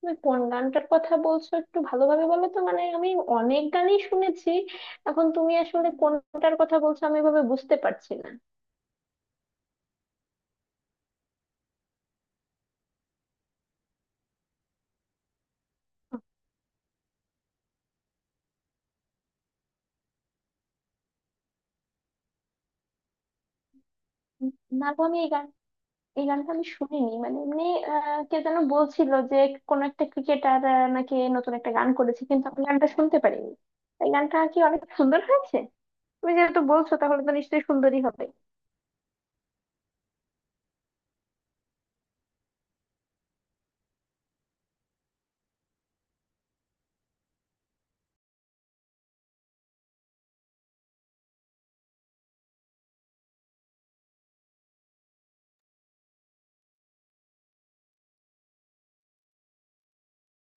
তুমি কোন গানটার কথা বলছো, একটু ভালোভাবে বলো তো। মানে আমি অনেক গানই শুনেছি, এখন তুমি আসলে কোনটার কথা বলছো আমি এভাবে বুঝতে পারছি না। উম, না গো, আমি এই গান, এই গানটা আমি শুনিনি। মানে এমনি কে যেন বলছিল যে কোন একটা ক্রিকেটার নাকি নতুন একটা গান করেছে, কিন্তু আমি গানটা শুনতে পারিনি। এই গানটা কি অনেক সুন্দর হয়েছে? তুমি যেহেতু বলছো তাহলে তো নিশ্চয়ই সুন্দরই হবে।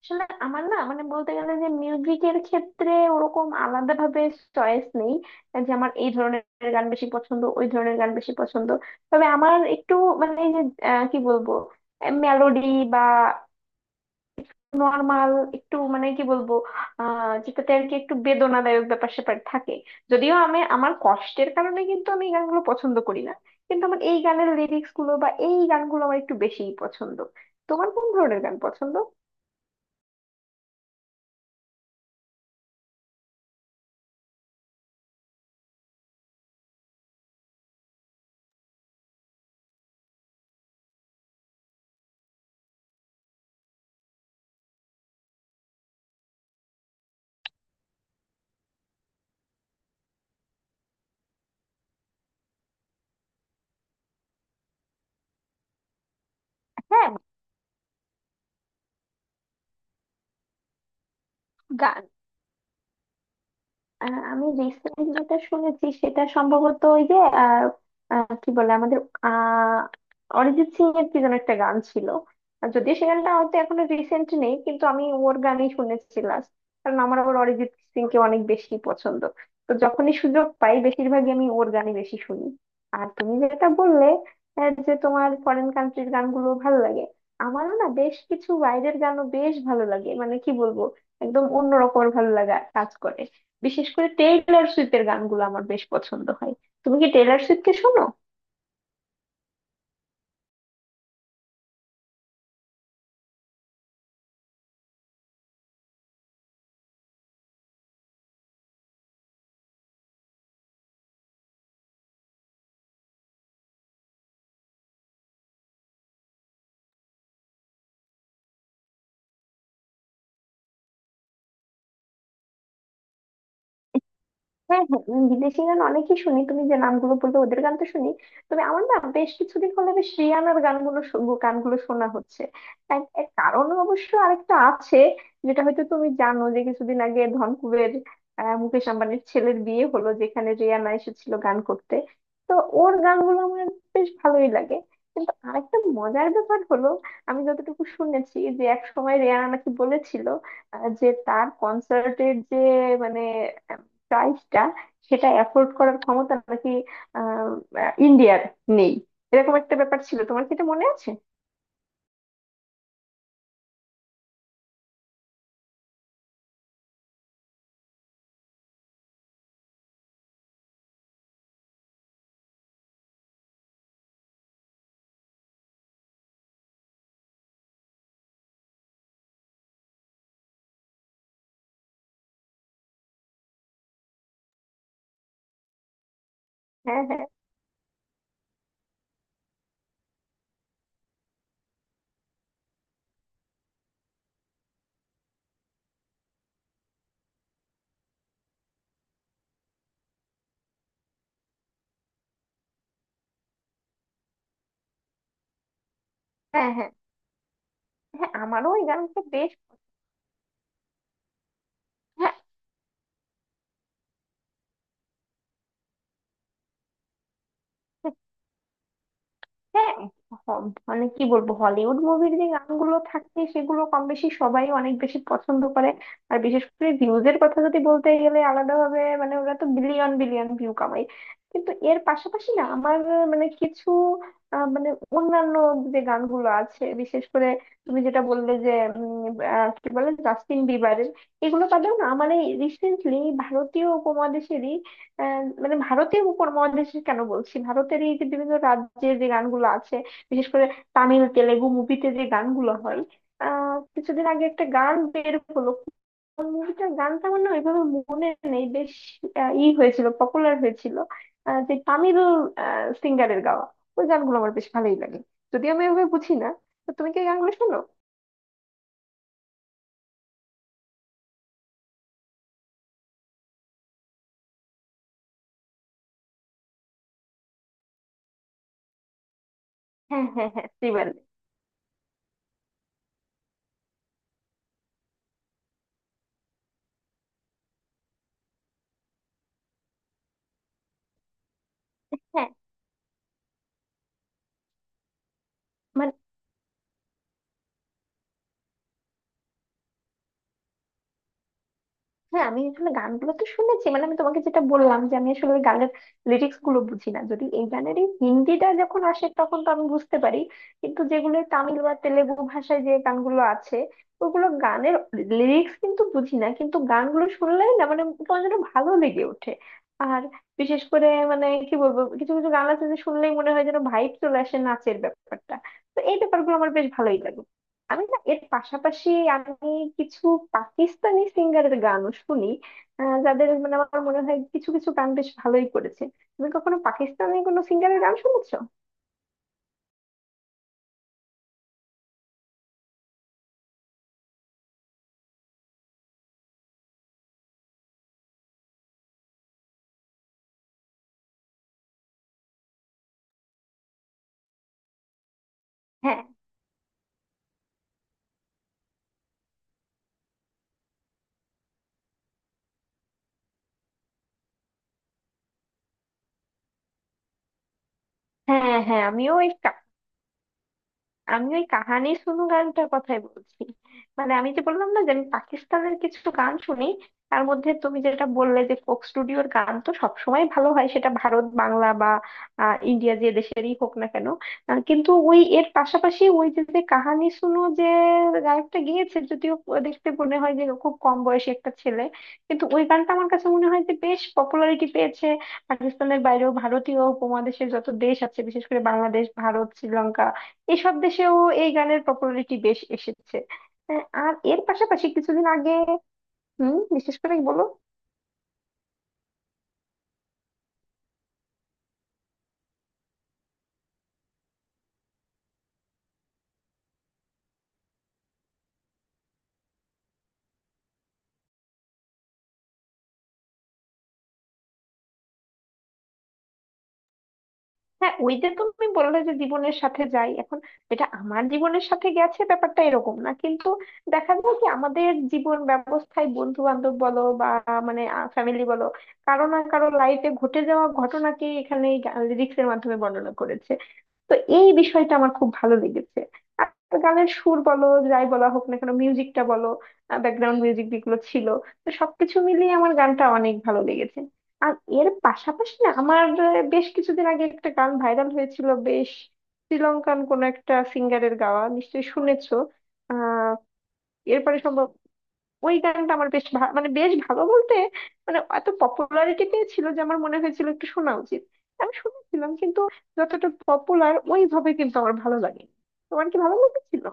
আসলে আমার না, মানে বলতে গেলে যে মিউজিকের ক্ষেত্রে ওরকম আলাদা ভাবে চয়েস নেই, যে আমার এই ধরনের গান বেশি পছন্দ ওই ধরনের গান বেশি পছন্দ। তবে আমার একটু মানে এই যে কি বলবো, মেলোডি বা নর্মাল, একটু মানে কি বলবো, যেটাতে আর কি একটু বেদনাদায়ক ব্যাপার স্যাপার থাকে। যদিও আমি আমার কষ্টের কারণে কিন্তু আমি এই গানগুলো পছন্দ করি না, কিন্তু আমার এই গানের লিরিক্স গুলো বা এই গানগুলো আমার একটু বেশিই পছন্দ। তোমার কোন ধরনের গান পছন্দ? হ্যাঁ, গান, আমি রিসেন্ট যেটা শুনেছি সেটা সম্ভবত ওই যে আহ, আহ, কি বলে আমাদের আহ অরিজিৎ সিং এর কি যেন একটা গান ছিল। আর যদিও সে গানটা হয়তো এখনো রিসেন্ট নেই, কিন্তু আমি ওর গানই শুনেছি last। কারণ আমার আবার অরিজিৎ সিং কে অনেক বেশি পছন্দ, তো যখনই সুযোগ পাই বেশিরভাগই আমি ওর গানই বেশি শুনি। আর তুমি যেটা বললে যে তোমার ফরেন কান্ট্রির গানগুলো ভালো লাগে, আমারও না বেশ কিছু বাইরের গানও বেশ ভালো লাগে। মানে কি বলবো, একদম অন্যরকম ভালো লাগা কাজ করে। বিশেষ করে টেইলর সুইফটের গানগুলো আমার বেশ পছন্দ হয়। তুমি কি টেইলর সুইফটকে শোনো? হ্যাঁ হ্যাঁ, বিদেশি গান অনেকই শুনি, তুমি যে নামগুলো বললে ওদের গান তো শুনি। তবে আমার না বেশ কিছুদিন হলে বেশ রিয়ানার গানগুলো গানগুলো শোনা হচ্ছে। এক এক কারণ অবশ্য আরেকটা আছে, যেটা হয়তো তুমি জানো, যে কিছুদিন আগে ধনকুবের মুকেশ আম্বানির ছেলের বিয়ে হলো, যেখানে রিয়ানা এসেছিল গান করতে। তো ওর গানগুলো আমার বেশ ভালোই লাগে। কিন্তু আরেকটা মজার ব্যাপার হলো, আমি যতটুকু শুনেছি যে এক সময় রিয়ানা নাকি বলেছিল যে তার কনসার্টের যে মানে প্রাইসটা সেটা অ্যাফোর্ড করার ক্ষমতা নাকি আহ, আহ, ইন্ডিয়ার নেই। এরকম একটা ব্যাপার ছিল, তোমার কি এটা মনে আছে? হ্যাঁ হ্যাঁ হ্যাঁ। হ্যাঁ হ্যাঁ, আমারও ওই গানটা বেশ। হ্যাঁ হ্যাঁ, হ- মানে কি বলবো হলিউড মুভির যে গানগুলো থাকে সেগুলো কম বেশি সবাই অনেক বেশি পছন্দ করে। আর বিশেষ করে ভিউজ এর কথা যদি বলতে গেলে আলাদাভাবে, মানে ওরা তো বিলিয়ন বিলিয়ন ভিউ কামায়। কিন্তু এর পাশাপাশি না আমার মানে কিছু মানে অন্যান্য যে গানগুলো আছে, বিশেষ করে তুমি যেটা বললে যে উম, কি বলে জাস্টিন বিবারের, এগুলো বাদেও না মানে রিসেন্টলি ভারতীয় উপমহাদেশেরই আহ, মানে ভারতীয় উপমহাদেশের কেন বলছি, ভারতের এই যে বিভিন্ন রাজ্যের যে গানগুলো আছে, বিশেষ করে তামিল তেলেগু মুভিতে যে গানগুলো হয়, কিছুদিন আগে একটা গান বের হলো। কোন মুভিটার গানটা আমার না ওইভাবে মনে নেই, বেশ ই হয়েছিল, পপুলার হয়েছিল যে তামিল সিঙ্গারের গাওয়া। ওই গানগুলো আমার বেশ ভালোই লাগে, যদিও আমি ওইভাবে বুঝি না। তো তুমি কি এই গানগুলো শোনো? হ্যাঁ হ্যাঁ হ্যাঁ, শ্রীবাল্লি। হ্যাঁ হ্যাঁ, আমি আসলে গানগুলো তো শুনেছি। মানে আমি তোমাকে যেটা বললাম যে আমি আসলে ওই গানের লিরিক্স গুলো বুঝি না, যদি এই গানেরই হিন্দিটা যখন আসে তখন তো আমি বুঝতে পারি, কিন্তু যেগুলো তামিল বা তেলেগু ভাষায় যে গানগুলো আছে ওগুলো গানের লিরিক্স কিন্তু বুঝি না। কিন্তু গানগুলো শুনলেই না মানে তোমার যেন ভালো লেগে ওঠে। আর বিশেষ করে মানে কি বলবো, কিছু কিছু গান আছে যে শুনলেই মনে হয় যেন ভাইব চলে আসে নাচের ব্যাপারটা। তো এই ব্যাপারগুলো আমার বেশ ভালোই লাগে। আমি না এর পাশাপাশি আমি কিছু পাকিস্তানি সিঙ্গারের গানও শুনি, যাদের মানে আমার মনে হয় কিছু কিছু গান বেশ ভালোই করেছে। তুমি কখনো পাকিস্তানি কোনো সিঙ্গারের গান শুনেছো? হ্যাঁ হ্যাঁ হ্যাঁ, আমিও এই, আমি ওই কাহানি শুনু গানটার কথাই বলছি। মানে আমি যে বললাম না যে আমি পাকিস্তানের কিছু গান শুনি, তার মধ্যে তুমি যেটা বললে যে ফোক স্টুডিওর গান তো সবসময় ভালো হয়, সেটা ভারত বাংলা বা ইন্ডিয়া যে দেশেরই হোক না কেন। কিন্তু ওই এর পাশাপাশি ওই যে যে কাহানি শুনু যে গায়কটা গিয়েছে, যদিও দেখতে মনে হয় যে খুব কম বয়সী একটা ছেলে, কিন্তু ওই গানটা আমার কাছে মনে হয় যে বেশ পপুলারিটি পেয়েছে পাকিস্তানের বাইরেও। ভারতীয় উপমহাদেশের যত দেশ আছে বিশেষ করে বাংলাদেশ, ভারত, শ্রীলঙ্কা, এসব দেশেও এই গানের পপুলারিটি বেশ এসেছে। আর এর পাশাপাশি কিছুদিন আগে, হুম, বিশেষ করে বলো। হ্যাঁ, ওই যে তুমি বললে যে জীবনের সাথে যাই এখন, এটা আমার জীবনের সাথে গেছে ব্যাপারটা এরকম না, কিন্তু দেখা যায় কি আমাদের জীবন ব্যবস্থায় বন্ধু বান্ধব বলো বা মানে ফ্যামিলি বলো, কারো না কারো লাইফে ঘটে যাওয়া ঘটনাকে এখানে রিক্সের মাধ্যমে বর্ণনা করেছে। তো এই বিষয়টা আমার খুব ভালো লেগেছে। আর গানের সুর বলো, যাই বলা হোক না কেন মিউজিকটা বলো, ব্যাকগ্রাউন্ড মিউজিক যেগুলো ছিল, তো সবকিছু মিলিয়ে আমার গানটা অনেক ভালো লেগেছে। আর এর পাশাপাশি না আমার বেশ কিছুদিন আগে একটা গান ভাইরাল হয়েছিল বেশ, শ্রীলঙ্কান কোন একটা সিঙ্গারের গাওয়া, নিশ্চয়ই শুনেছো। আহ এরপরে সম্ভব, ওই গানটা আমার বেশ মানে বেশ ভালো বলতে মানে এত পপুলারিটি পেয়েছিল যে আমার মনে হয়েছিল একটু শোনা উচিত। আমি শুনেছিলাম কিন্তু যতটা পপুলার ওইভাবে কিন্তু আমার ভালো লাগে। তোমার কি ভালো লেগেছিল?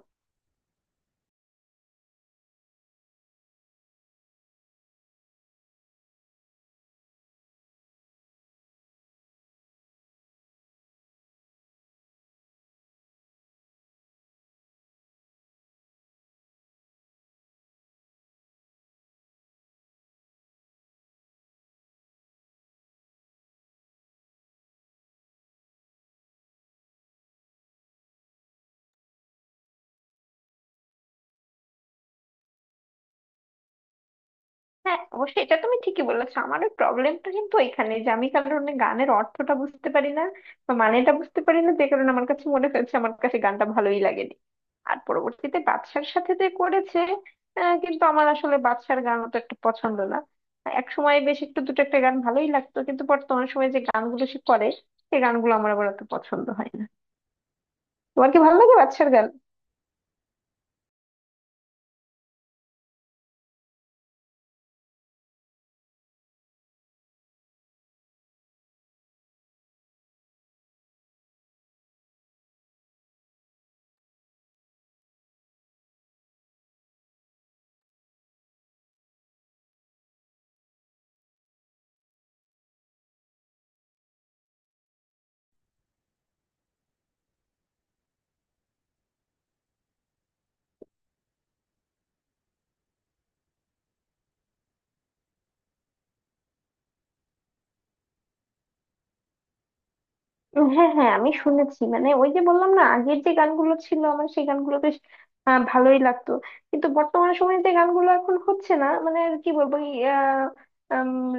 হ্যাঁ অবশ্যই, এটা তুমি ঠিকই বলেছো। আমার ওই প্রবলেমটা কিন্তু এখানে যে আমি কারণে গানের অর্থটা বুঝতে পারি না বা মানেটা বুঝতে পারি না, যে কারণে আমার কাছে মনে হয়েছে আমার কাছে গানটা ভালোই লাগেনি। আর পরবর্তীতে বাদশার সাথে যে করেছে, কিন্তু আমার আসলে বাদশার গান অত একটা পছন্দ না। এক সময় বেশ একটু দুটো একটা গান ভালোই লাগতো, কিন্তু বর্তমান সময়ে যে গানগুলো সে করে সেই গানগুলো আমার আবার অত পছন্দ হয় না। তোমার কি ভালো লাগে বাদশার গান? হ্যাঁ হ্যাঁ, আমি শুনেছি। মানে ওই যে বললাম না আগের যে গানগুলো ছিল আমার সেই ভালোই লাগতো, কিন্তু বর্তমান সময়ে যে গানগুলো এখন হচ্ছে না মানে আর কি বলবো,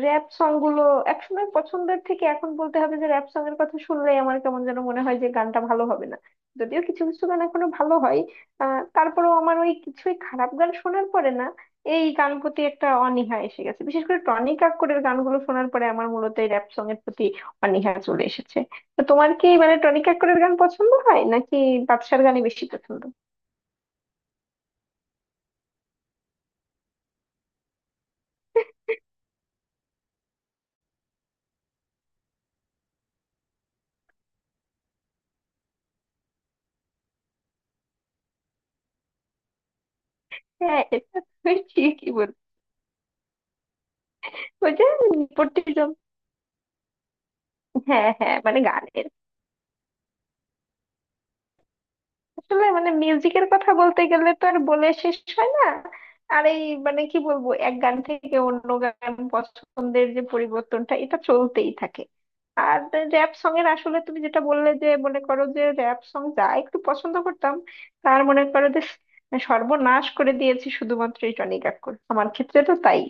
র‍্যাপ সং গুলো একসময় পছন্দের থেকে এখন বলতে হবে যে র‍্যাপ সং এর কথা শুনলেই আমার কেমন যেন মনে হয় যে গানটা ভালো হবে না। যদিও কিছু কিছু গান এখনো ভালো হয়। তারপরেও আমার ওই কিছুই খারাপ গান শোনার পরে না এই গান প্রতি একটা অনীহা এসে গেছে, বিশেষ করে টনি কাক্করের গানগুলো শোনার পরে আমার মূলত এই র‍্যাপ সং এর প্রতি অনীহা চলে এসেছে। তো তোমার কি মানে টনি কাক্করের গান পছন্দ হয় নাকি বাদশার গানই বেশি পছন্দ? হ্যাঁ, এটা তুমি ঠিকই বল, ওই যে নেপোটিজম। হ্যাঁ হ্যাঁ, মানে গানের আসলে মানে মিউজিকের কথা বলতে গেলে তো আর বলে শেষ হয় না। আর এই মানে কি বলবো, এক গান থেকে অন্য গান পছন্দের যে পরিবর্তনটা এটা চলতেই থাকে। আর র‍্যাপ সং এর আসলে তুমি যেটা বললে যে মনে করো যে র‍্যাপ সং যা একটু পছন্দ করতাম, তার মনে করো যে সর্বনাশ করে দিয়েছি শুধুমাত্র এই টনি কাকুর, আমার ক্ষেত্রে তো তাই।